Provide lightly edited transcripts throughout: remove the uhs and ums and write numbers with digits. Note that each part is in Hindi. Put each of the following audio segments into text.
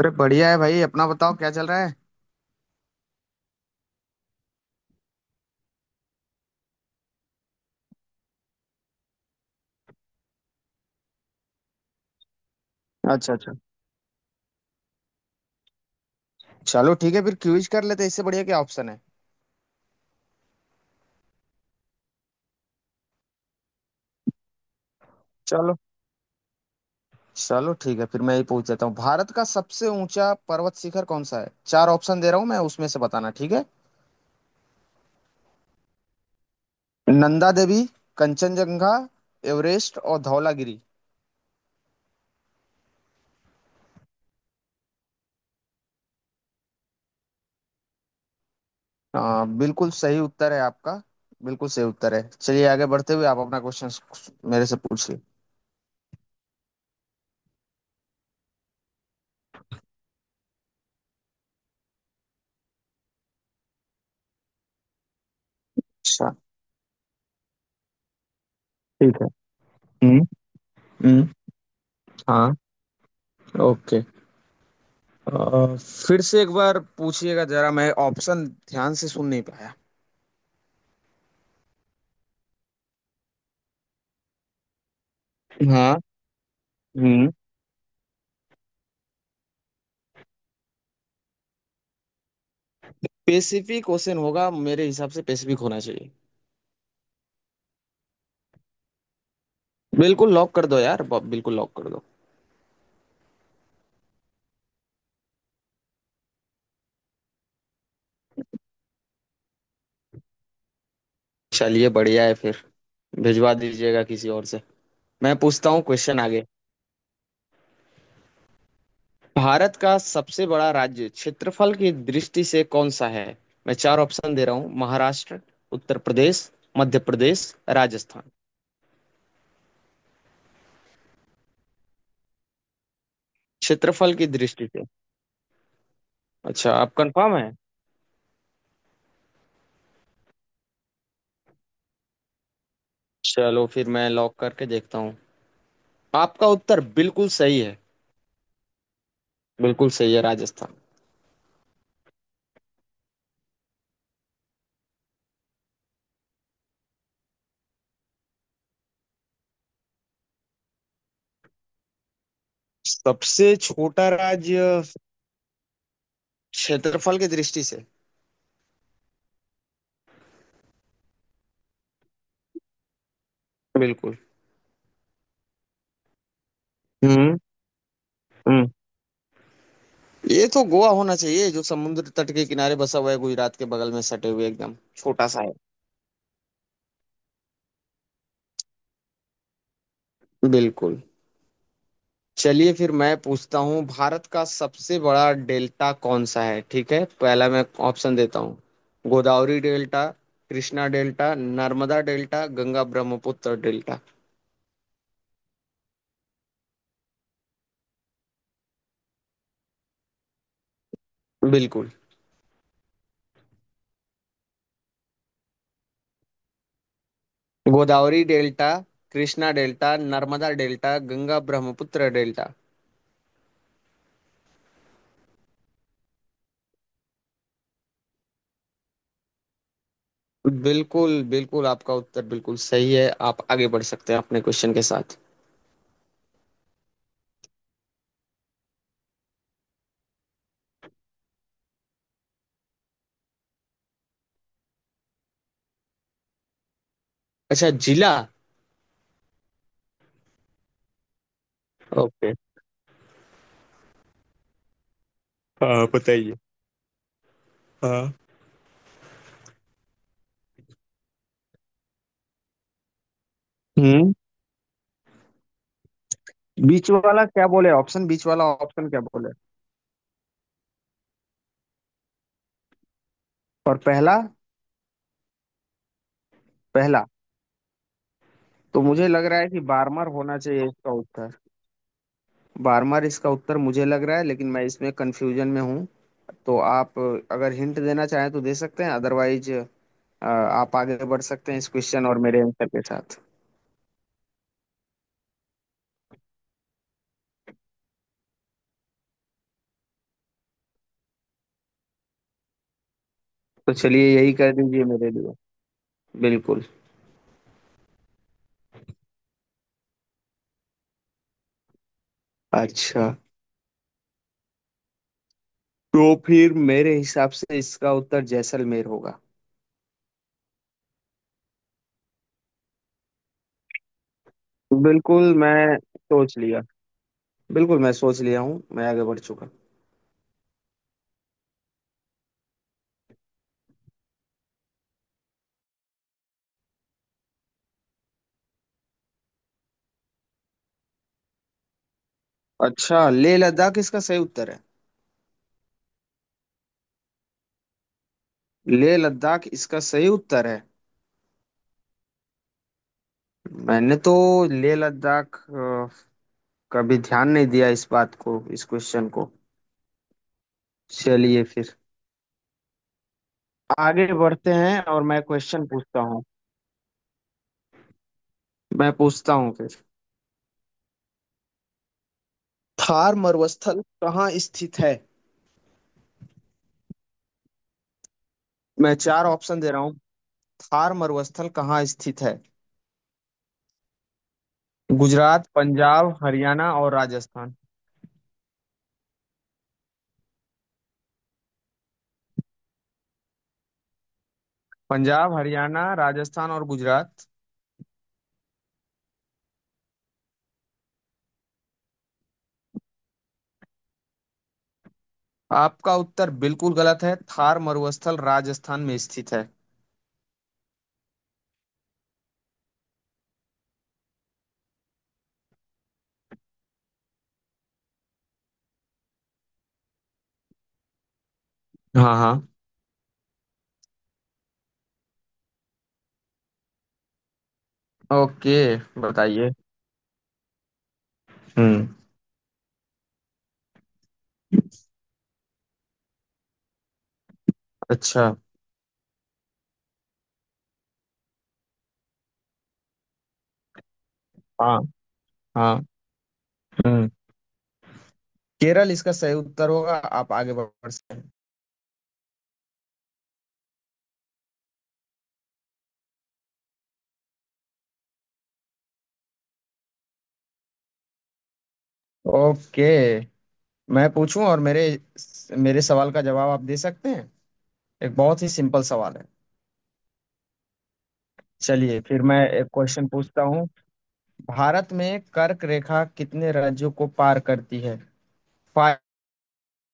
अरे बढ़िया है भाई। अपना बताओ, क्या चल रहा है। अच्छा अच्छा। चलो ठीक है, फिर क्विज कर लेते हैं। इससे बढ़िया क्या ऑप्शन है। चलो। चलो ठीक है, फिर मैं ही पूछ देता हूँ। भारत का सबसे ऊंचा पर्वत शिखर कौन सा है। चार ऑप्शन दे रहा हूँ मैं, उसमें से बताना। ठीक है, नंदा देवी, कंचनजंगा, एवरेस्ट और धौलागिरी। हाँ, बिल्कुल सही उत्तर है आपका। बिल्कुल सही उत्तर है। चलिए आगे बढ़ते हुए, आप अपना क्वेश्चन मेरे से पूछिए। अच्छा। ठीक है। हम्म। हम्म। हाँ। ओके। फिर से एक बार पूछिएगा जरा, मैं ऑप्शन ध्यान से सुन नहीं पाया। हाँ। हम्म। पेसिफिक ओशन होगा मेरे हिसाब से। पेसिफिक होना चाहिए। बिल्कुल लॉक कर दो यार। बिल्कुल लॉक कर दो। चलिए बढ़िया है फिर। भिजवा दीजिएगा किसी और से। मैं पूछता हूँ क्वेश्चन आगे। भारत का सबसे बड़ा राज्य क्षेत्रफल की दृष्टि से कौन सा है। मैं चार ऑप्शन दे रहा हूँ। महाराष्ट्र, उत्तर प्रदेश, मध्य प्रदेश, राजस्थान। क्षेत्रफल की दृष्टि से। अच्छा, आप कंफर्म है। चलो फिर मैं लॉक करके देखता हूँ। आपका उत्तर बिल्कुल सही है। बिल्कुल सही है, राजस्थान। सबसे छोटा राज्य। क्षेत्रफल की दृष्टि से। बिल्कुल। हम्म। हम्म। ये तो गोवा होना चाहिए, जो समुद्र तट के किनारे बसा हुआ है, गुजरात के बगल में सटे हुए एकदम छोटा सा है। बिल्कुल। चलिए फिर मैं पूछता हूँ, भारत का सबसे बड़ा डेल्टा कौन सा है। ठीक है, पहला मैं ऑप्शन देता हूँ। Godavari delta, Krishna delta, Narmada delta, Ganga Brahmaputra delta. बिल्कुल। Godavari delta, Krishna delta, Narmada delta, Ganga Brahmaputra delta. बिल्कुल बिल्कुल, आपका उत्तर बिल्कुल सही है। आप आगे बढ़ सकते हैं अपने क्वेश्चन के साथ। अच्छा, जिला। ओके। हाँ बताइए। हाँ। हम्म। बीच वाला क्या बोले ऑप्शन, बीच वाला ऑप्शन क्या बोले। और पहला। पहला। तो मुझे लग रहा है कि बारमर होना चाहिए इसका उत्तर। बारमर इसका उत्तर मुझे लग रहा है, लेकिन मैं इसमें कंफ्यूजन में हूँ। तो आप अगर हिंट देना चाहें तो दे सकते हैं, अदरवाइज आप आगे बढ़ सकते हैं इस क्वेश्चन और मेरे आंसर के साथ। तो चलिए यही कर दीजिए मेरे लिए। बिल्कुल। अच्छा, तो फिर मेरे हिसाब से इसका उत्तर जैसलमेर होगा। बिल्कुल मैं सोच लिया। बिल्कुल मैं सोच लिया हूँ, मैं आगे बढ़ चुका। अच्छा, लेह लद्दाख इसका सही उत्तर है। लेह लद्दाख इसका सही उत्तर है। मैंने तो लेह लद्दाख कभी ध्यान नहीं दिया इस बात को, इस क्वेश्चन को। चलिए फिर आगे बढ़ते हैं, और मैं क्वेश्चन पूछता हूँ। मैं पूछता हूँ फिर। थार मरुस्थल कहाँ स्थित है। मैं चार ऑप्शन दे रहा हूँ। थार मरुस्थल कहाँ स्थित है। गुजरात, पंजाब, हरियाणा और राजस्थान। पंजाब, हरियाणा, राजस्थान और गुजरात। आपका उत्तर बिल्कुल गलत है। थार मरुस्थल राजस्थान में स्थित है। हाँ हाँ। ओके, बताइए। हम्म। अच्छा। हाँ। हाँ। हम्म। केरल इसका सही उत्तर होगा। आप आगे बढ़ सकते हैं। ओके। मैं पूछूं, और मेरे मेरे सवाल का जवाब आप दे सकते हैं। एक बहुत ही सिंपल सवाल है। चलिए फिर मैं एक क्वेश्चन पूछता हूँ। भारत में कर्क रेखा कितने राज्यों को पार करती है।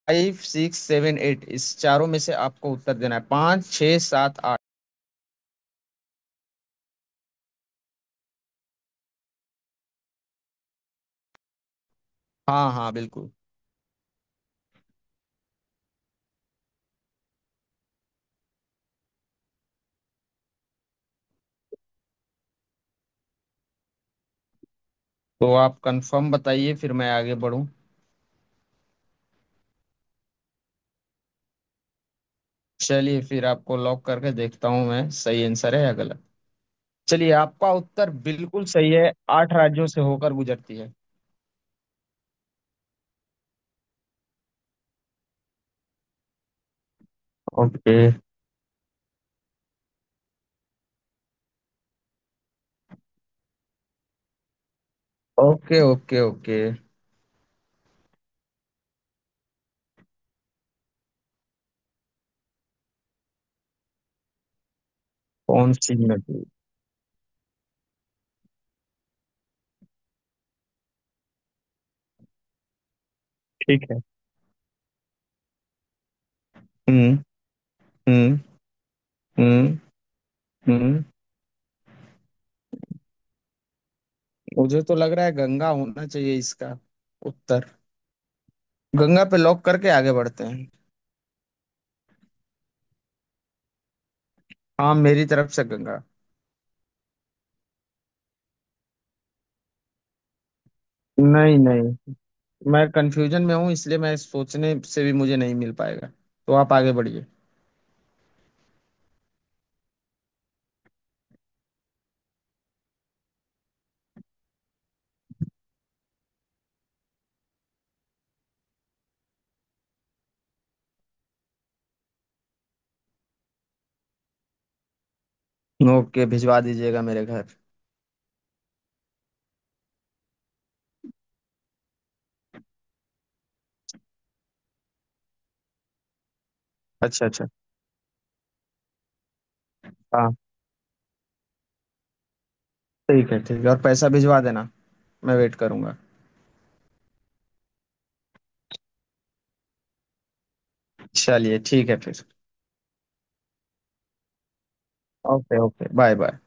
5, 6, 7, 8, इस चारों में से आपको उत्तर देना है। पाँच, छः, सात, आठ। हाँ हाँ बिल्कुल। तो आप कंफर्म बताइए, फिर मैं आगे बढ़ूँ। चलिए फिर आपको लॉक करके देखता हूँ मैं, सही आंसर है या गलत। चलिए आपका उत्तर बिल्कुल सही है, 8 राज्यों से होकर गुजरती है। Okay okay okay. ओके। कौन सी नदी। ठीक है। हम्म। हम्म। हम्म। हम्म। मुझे तो लग रहा है गंगा होना चाहिए इसका उत्तर। गंगा पे लॉक करके आगे बढ़ते हैं। हाँ, मेरी तरफ से गंगा। नहीं नहीं, मैं कंफ्यूजन में हूँ, इसलिए मैं सोचने से भी मुझे नहीं मिल पाएगा। तो आप आगे बढ़िए। ओके, भिजवा दीजिएगा मेरे घर। अच्छा अच्छा। हाँ ठीक है ठीक है, और पैसा भिजवा देना। मैं वेट करूंगा। चलिए ठीक है फिर। Okay okay, bye bye.